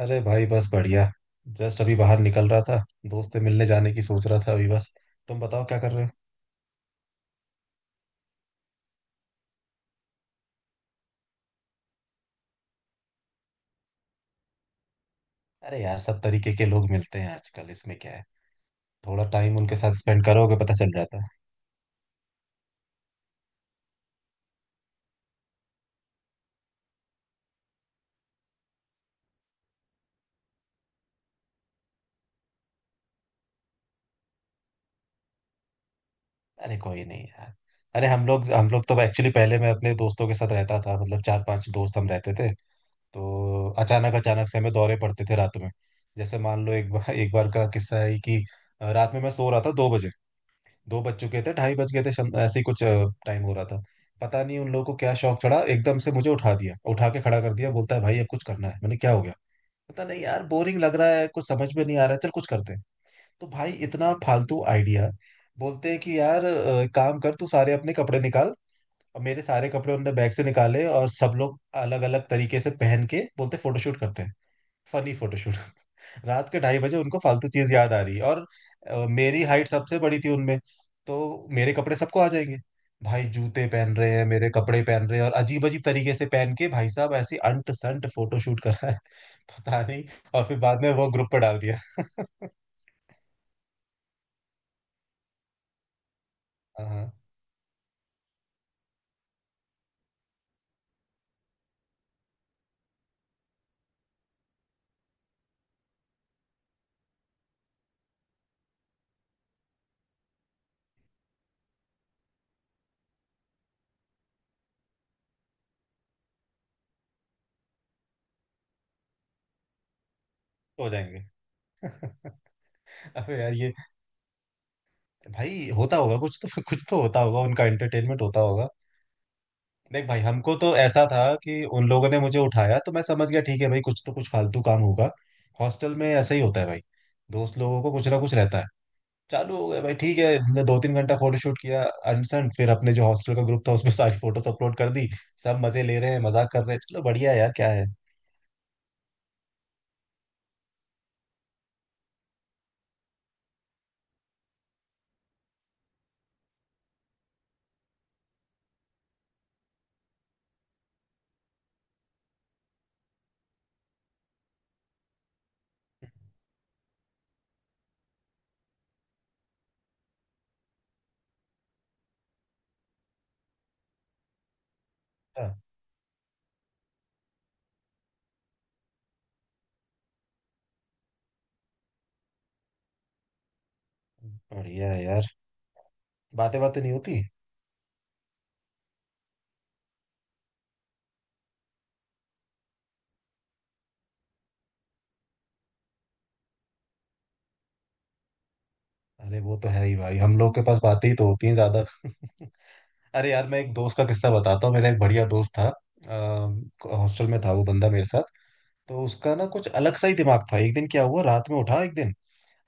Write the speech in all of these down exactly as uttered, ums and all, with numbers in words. अरे भाई, बस बढ़िया। जस्ट अभी बाहर निकल रहा था। दोस्त से मिलने जाने की सोच रहा था अभी बस। तुम बताओ क्या कर रहे हो? अरे यार, सब तरीके के लोग मिलते हैं आजकल, इसमें क्या है। थोड़ा टाइम उनके साथ स्पेंड करोगे पता चल जाता है। अरे कोई नहीं यार। अरे हम लोग हम लोग तो एक्चुअली पहले मैं अपने दोस्तों के साथ रहता था, मतलब चार पांच दोस्त हम रहते थे। तो अचानक अचानक से हमें दौरे पड़ते थे रात में। जैसे मान लो, एक बार एक बार का किस्सा है कि अ, रात में मैं सो रहा था, दो बजे। दो बज चुके थे, ढाई बज गए थे, शम- ऐसे ही कुछ टाइम हो रहा था। पता नहीं उन लोगों को क्या शौक चढ़ा, एकदम से मुझे उठा दिया, उठा के खड़ा कर दिया। बोलता है, भाई अब कुछ करना है। मैंने, क्या हो गया? पता नहीं यार, बोरिंग लग रहा है, कुछ समझ में नहीं आ रहा है, चल कुछ करते हैं। तो भाई, इतना फालतू आइडिया। बोलते हैं कि यार अ, एक काम कर, तू सारे अपने कपड़े निकाल। और मेरे सारे कपड़े उनने बैग से निकाले और सब लोग अलग अलग तरीके से पहन के बोलते फोटोशूट करते हैं। Funny photoshoot. रात के ढाई बजे उनको फालतू चीज याद आ रही है। और अ, मेरी हाइट सबसे बड़ी थी उनमें, तो मेरे कपड़े सबको आ जाएंगे। भाई जूते पहन रहे हैं, मेरे कपड़े पहन रहे हैं और अजीब अजीब तरीके से पहन के भाई साहब ऐसे अंट संट फोटोशूट करा है। पता नहीं। और फिर बाद में वो ग्रुप पर डाल दिया। हाँ, हो जाएंगे। अबे यार ये, भाई होता होगा, कुछ तो कुछ तो होता होगा, उनका एंटरटेनमेंट होता होगा। देख भाई, हमको तो ऐसा था कि उन लोगों ने मुझे उठाया तो मैं समझ गया, ठीक है भाई, कुछ तो कुछ फालतू काम होगा। हॉस्टल में ऐसा ही होता है भाई, दोस्त लोगों को कुछ ना कुछ रहता है। चालू हो गया भाई, ठीक है, हमने दो तीन घंटा फोटोशूट किया। अनसन फिर अपने जो हॉस्टल का ग्रुप था उसमें सारी फोटोज अपलोड कर दी। सब मजे ले रहे हैं, मजाक कर रहे हैं। चलो बढ़िया है यार, क्या है। हाँ, बढ़िया है यार। बातें, बातें नहीं होती। अरे वो तो है ही भाई, हम लोग के पास बातें ही तो होती हैं ज्यादा। अरे यार, मैं एक दोस्त का किस्सा बताता हूँ। मेरा एक बढ़िया दोस्त था, अ, हॉस्टल में था वो बंदा मेरे साथ। तो उसका ना कुछ अलग सा ही दिमाग था। एक दिन क्या हुआ, रात में उठा एक दिन,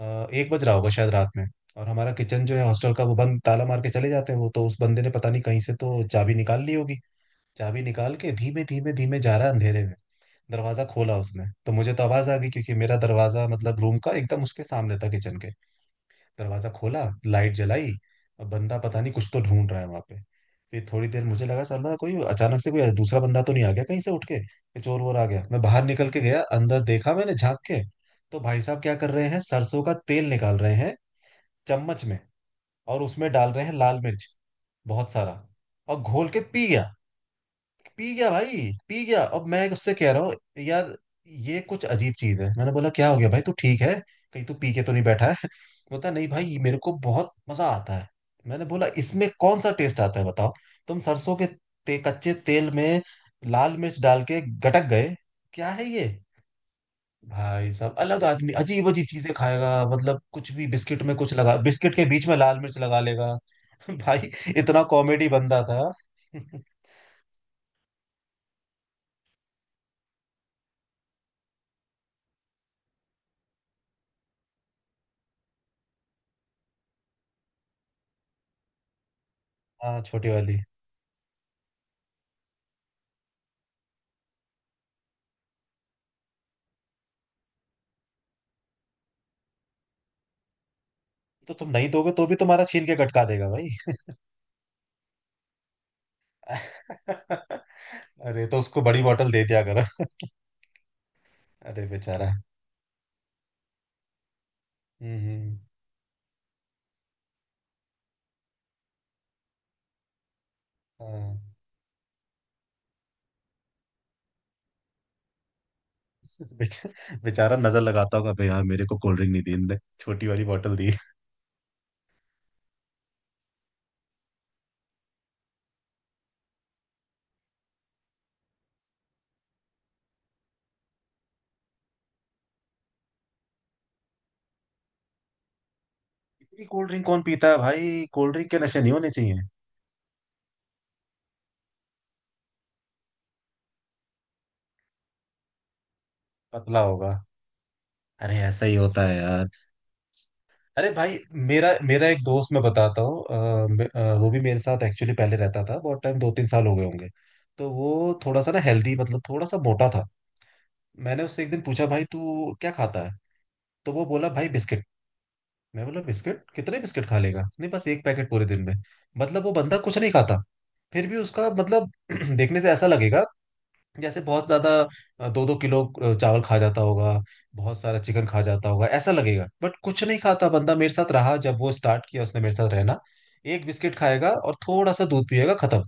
अ, एक बज रहा होगा शायद रात में। और हमारा किचन जो है हॉस्टल का, वो बंद, ताला मार के चले जाते हैं वो, तो उस बंदे ने पता नहीं कहीं से तो चाबी निकाल ली होगी। चाबी निकाल के धीमे धीमे धीमे जा रहा है अंधेरे में। दरवाजा खोला उसने, तो मुझे तो आवाज आ गई क्योंकि मेरा दरवाजा मतलब रूम का एकदम उसके सामने था, किचन के। दरवाजा खोला, लाइट जलाई। अब बंदा पता नहीं कुछ तो ढूंढ रहा है वहां पे। फिर थोड़ी देर मुझे लगा, साला कोई अचानक से कोई दूसरा बंदा तो नहीं आ गया कहीं से उठ के, कि चोर वोर आ गया। मैं बाहर निकल के गया, अंदर देखा मैंने झांक के। तो भाई साहब क्या कर रहे हैं, सरसों का तेल निकाल रहे हैं चम्मच में, और उसमें डाल रहे हैं लाल मिर्च, बहुत सारा। और घोल के पी गया। पी गया भाई, पी गया। अब मैं उससे कह रहा हूँ, यार ये कुछ अजीब चीज है। मैंने बोला, क्या हो गया भाई, तू ठीक है? कहीं तू पी के तो नहीं बैठा है? बोलता, नहीं भाई, मेरे को बहुत मजा आता है। मैंने बोला, इसमें कौन सा टेस्ट आता है बताओ? तुम सरसों के ते, कच्चे तेल में लाल मिर्च डाल के गटक गए, क्या है ये? भाई साहब, अलग आदमी अजीब अजीब चीजें खाएगा। मतलब कुछ भी, बिस्किट में कुछ लगा, बिस्किट के बीच में लाल मिर्च लगा लेगा। भाई, इतना कॉमेडी बंदा था। हाँ, छोटी वाली। तो तुम नहीं दोगे तो भी तुम्हारा छीन के कटका देगा भाई। अरे, तो उसको बड़ी बोतल दे दिया करो। अरे बेचारा। हम्म, हम्म, हाँ। बेच- बेचारा नजर लगाता होगा भाई, यार मेरे को कोल्ड ड्रिंक नहीं दी इनने, छोटी वाली बोतल दी। इतनी कोल्ड ड्रिंक कौन पीता है भाई, कोल्ड ड्रिंक के नशे नहीं होने चाहिए। पतला होगा। अरे ऐसा ही होता है यार। अरे भाई, मेरा मेरा एक दोस्त मैं बताता हूँ। अ, मे- अ, वो भी मेरे साथ एक्चुअली पहले रहता था, बहुत टाइम, दो तीन साल हो गए होंगे। तो वो थोड़ा सा ना हेल्दी, मतलब थोड़ा सा मोटा था। मैंने उससे एक दिन पूछा, भाई तू क्या खाता है? तो वो बोला, भाई बिस्किट। मैं बोला, बिस्किट? कितने बिस्किट खा लेगा? नहीं, बस एक पैकेट पूरे दिन में। मतलब वो बंदा कुछ नहीं खाता, फिर भी उसका मतलब देखने से ऐसा लगेगा, जैसे बहुत ज्यादा, दो दो किलो अ, चावल खा जाता होगा, बहुत सारा चिकन खा जाता होगा, ऐसा लगेगा, बट कुछ नहीं खाता बंदा। मेरे साथ रहा जब, वो स्टार्ट किया उसने मेरे साथ रहना, एक बिस्किट खाएगा और थोड़ा सा दूध पिएगा, खत्म।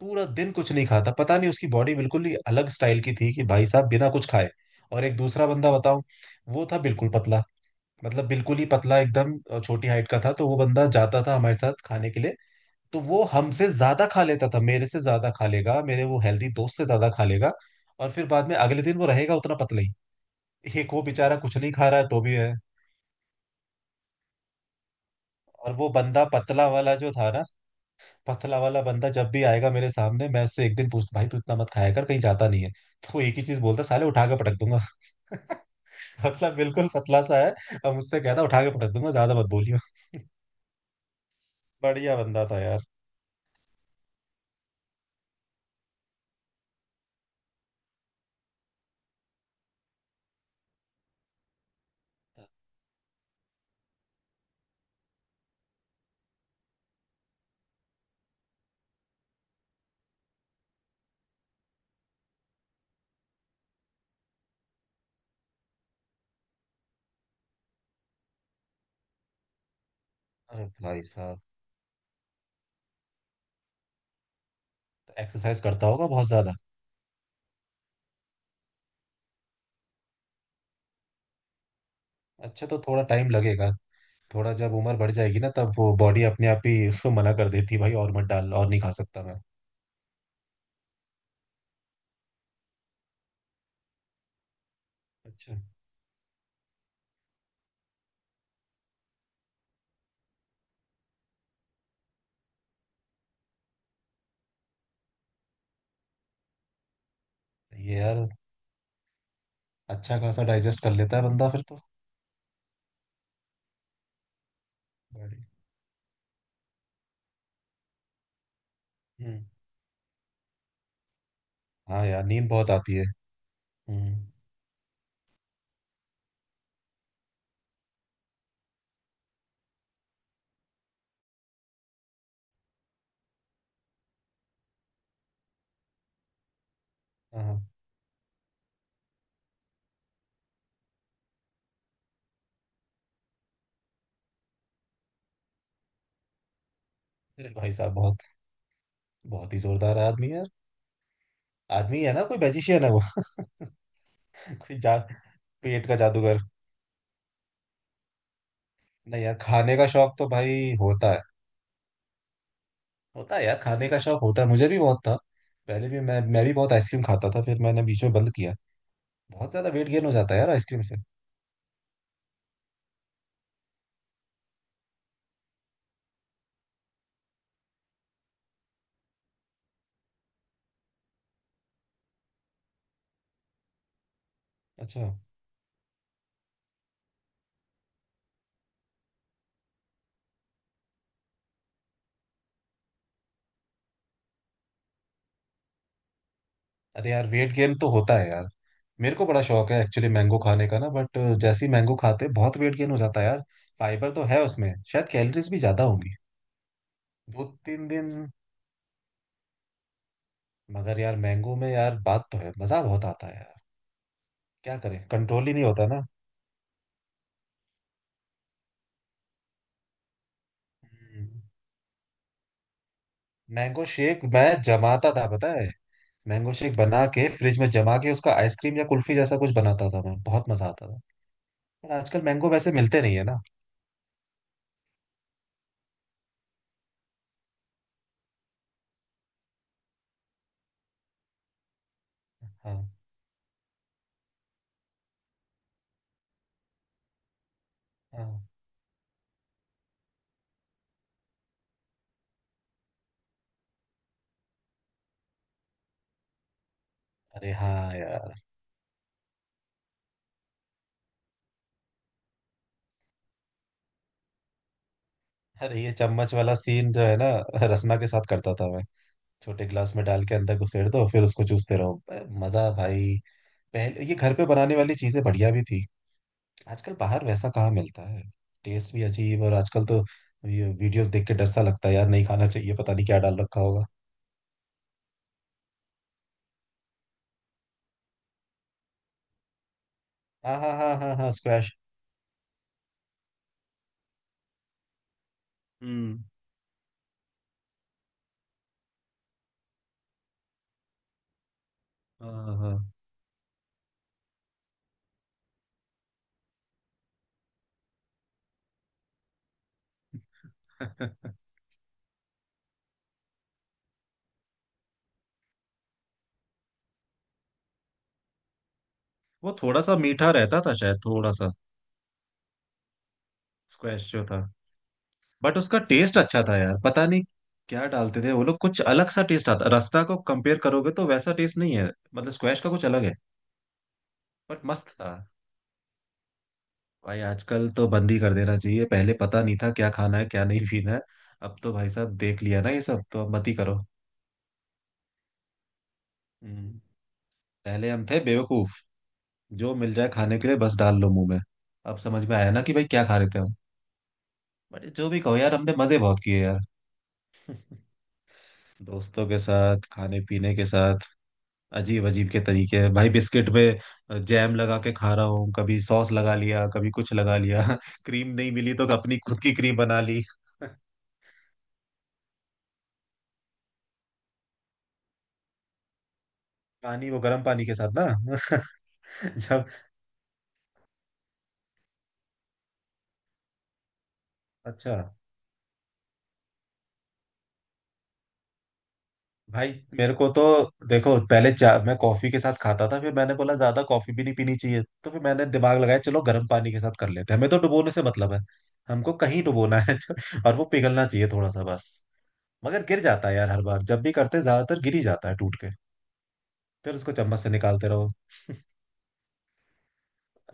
पूरा दिन कुछ नहीं खाता। पता नहीं, उसकी बॉडी बिल्कुल ही अलग स्टाइल की थी कि भाई साहब बिना कुछ खाए। और एक दूसरा बंदा बताऊं, वो था बिल्कुल पतला। मतलब बिल्कुल ही पतला एकदम, अ, छोटी हाइट का था। तो वो बंदा जाता था हमारे साथ खाने के लिए, तो वो हमसे ज्यादा खा लेता था, मेरे से ज्यादा खा लेगा, मेरे वो हेल्दी दोस्त से ज्यादा खा लेगा। और फिर बाद में अगले दिन वो रहेगा उतना पतला ही। एक वो बेचारा कुछ नहीं खा रहा है तो भी है। और वो बंदा पतला वाला जो था ना, पतला वाला बंदा जब भी आएगा मेरे सामने, मैं उससे एक दिन पूछता, भाई तू इतना मत खाया कर, कहीं जाता नहीं है। तो वो एक ही चीज बोलता, साले उठा के पटक दूंगा। मतलब बिल्कुल पतला सा है, और मुझसे कहता उठा के पटक दूंगा, ज्यादा मत बोलियो। बढ़िया बंदा था यार। अरे भाई साहब, एक्सरसाइज करता होगा बहुत ज्यादा। अच्छा, तो थोड़ा टाइम लगेगा। थोड़ा जब उम्र बढ़ जाएगी ना, तब वो बॉडी अपने आप ही उसको मना कर देती है, भाई और मत डाल, और नहीं खा सकता मैं। अच्छा। ये यार, अच्छा खासा डाइजेस्ट कर लेता है बंदा फिर तो। बॉडी। हम्म। हाँ यार, नींद बहुत आती है। हम्म। हाँ। अरे भाई साहब, बहुत बहुत ही जोरदार आदमी है यार। आदमी है ना, कोई मैजिशियन है वो। कोई जा पेट का जादूगर। नहीं यार, खाने का शौक तो भाई होता है। होता है यार, खाने का शौक होता है, मुझे भी बहुत था। पहले भी मैं मैं भी बहुत आइसक्रीम खाता था, फिर मैंने बीच में बंद किया। बहुत ज्यादा वेट गेन हो जाता है यार आइसक्रीम से। अच्छा। अरे यार, वेट गेन तो होता है यार। मेरे को बड़ा शौक है एक्चुअली मैंगो खाने का ना, बट जैसे ही मैंगो खाते बहुत वेट गेन हो जाता है यार। फाइबर तो है उसमें, शायद कैलोरीज भी ज्यादा होंगी। दो तीन दिन। मगर यार, मैंगो में यार बात तो है, मजा बहुत आता है यार। क्या करें, कंट्रोल ही नहीं होता ना। हम्म। मैंगो शेक मैं जमाता था, पता है? मैंगो शेक बना के फ्रिज में जमा के उसका आइसक्रीम या कुल्फी जैसा कुछ बनाता था मैं, बहुत मजा आता था। पर आजकल मैंगो वैसे मिलते नहीं है ना। हाँ, हाँ। अरे हाँ यार। अरे, ये चम्मच वाला सीन जो है ना, रसना के साथ करता था मैं। छोटे गिलास में डाल के अंदर घुसेड़ दो, फिर उसको चूसते रहो, अ, मजा भाई। पहले ये घर पे बनाने वाली चीजें बढ़िया भी थी। आजकल बाहर वैसा कहाँ मिलता है। टेस्ट भी अजीब। और आजकल तो ये वीडियोस देख के डर सा लगता है यार, नहीं खाना चाहिए, पता नहीं क्या डाल रखा होगा। हाँ, हाँ, हाँ, हाँ, हाँ। स्क्वैश। हम्म। हाँ, हाँ। वो थोड़ा सा मीठा रहता था शायद, थोड़ा सा। स्क्वैश जो था, बट उसका टेस्ट अच्छा था यार, पता नहीं क्या डालते थे वो लोग। कुछ अलग सा टेस्ट आता, रस्ता को कंपेयर करोगे तो वैसा टेस्ट नहीं है। मतलब स्क्वैश का कुछ अलग है। बट मस्त था। भाई आजकल तो बंद ही कर देना चाहिए। पहले पता नहीं था क्या खाना है, क्या नहीं पीना है। अब तो भाई साहब, देख लिया ना ये सब, तो अब मत ही करो। हम्म। पहले हम थे बेवकूफ, जो मिल जाए खाने के लिए बस डाल लो मुंह में। अब समझ में आया ना कि भाई क्या खा रहे थे हम। बट जो भी कहो यार, हमने मजे बहुत किए यार, दोस्तों के साथ, खाने पीने के साथ। अजीब अजीब के तरीके हैं भाई, बिस्किट में जैम लगा के खा रहा हूँ, कभी सॉस लगा लिया, कभी कुछ लगा लिया। क्रीम नहीं मिली तो अपनी खुद की क्रीम बना ली। पानी, वो गर्म पानी के साथ ना। जब, अच्छा। भाई मेरे को तो देखो, पहले चा, मैं कॉफी के साथ खाता था, फिर मैंने बोला ज्यादा कॉफी भी नहीं पीनी चाहिए। तो फिर मैंने दिमाग लगाया, चलो गर्म पानी के साथ कर लेते हैं, हमें तो डुबोने से मतलब है, हमको कहीं डुबोना है। और वो पिघलना चाहिए थोड़ा सा बस। मगर गिर जाता है यार, हर बार जब भी करते हैं, ज्यादातर गिर ही जाता है टूट के। फिर उसको चम्मच से निकालते रहो।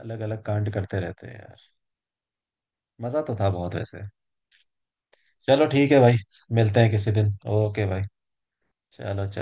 अलग अलग कांड करते रहते हैं यार। मजा तो था बहुत वैसे। चलो ठीक है भाई, मिलते हैं किसी दिन, ओके भाई। चलो, चलो।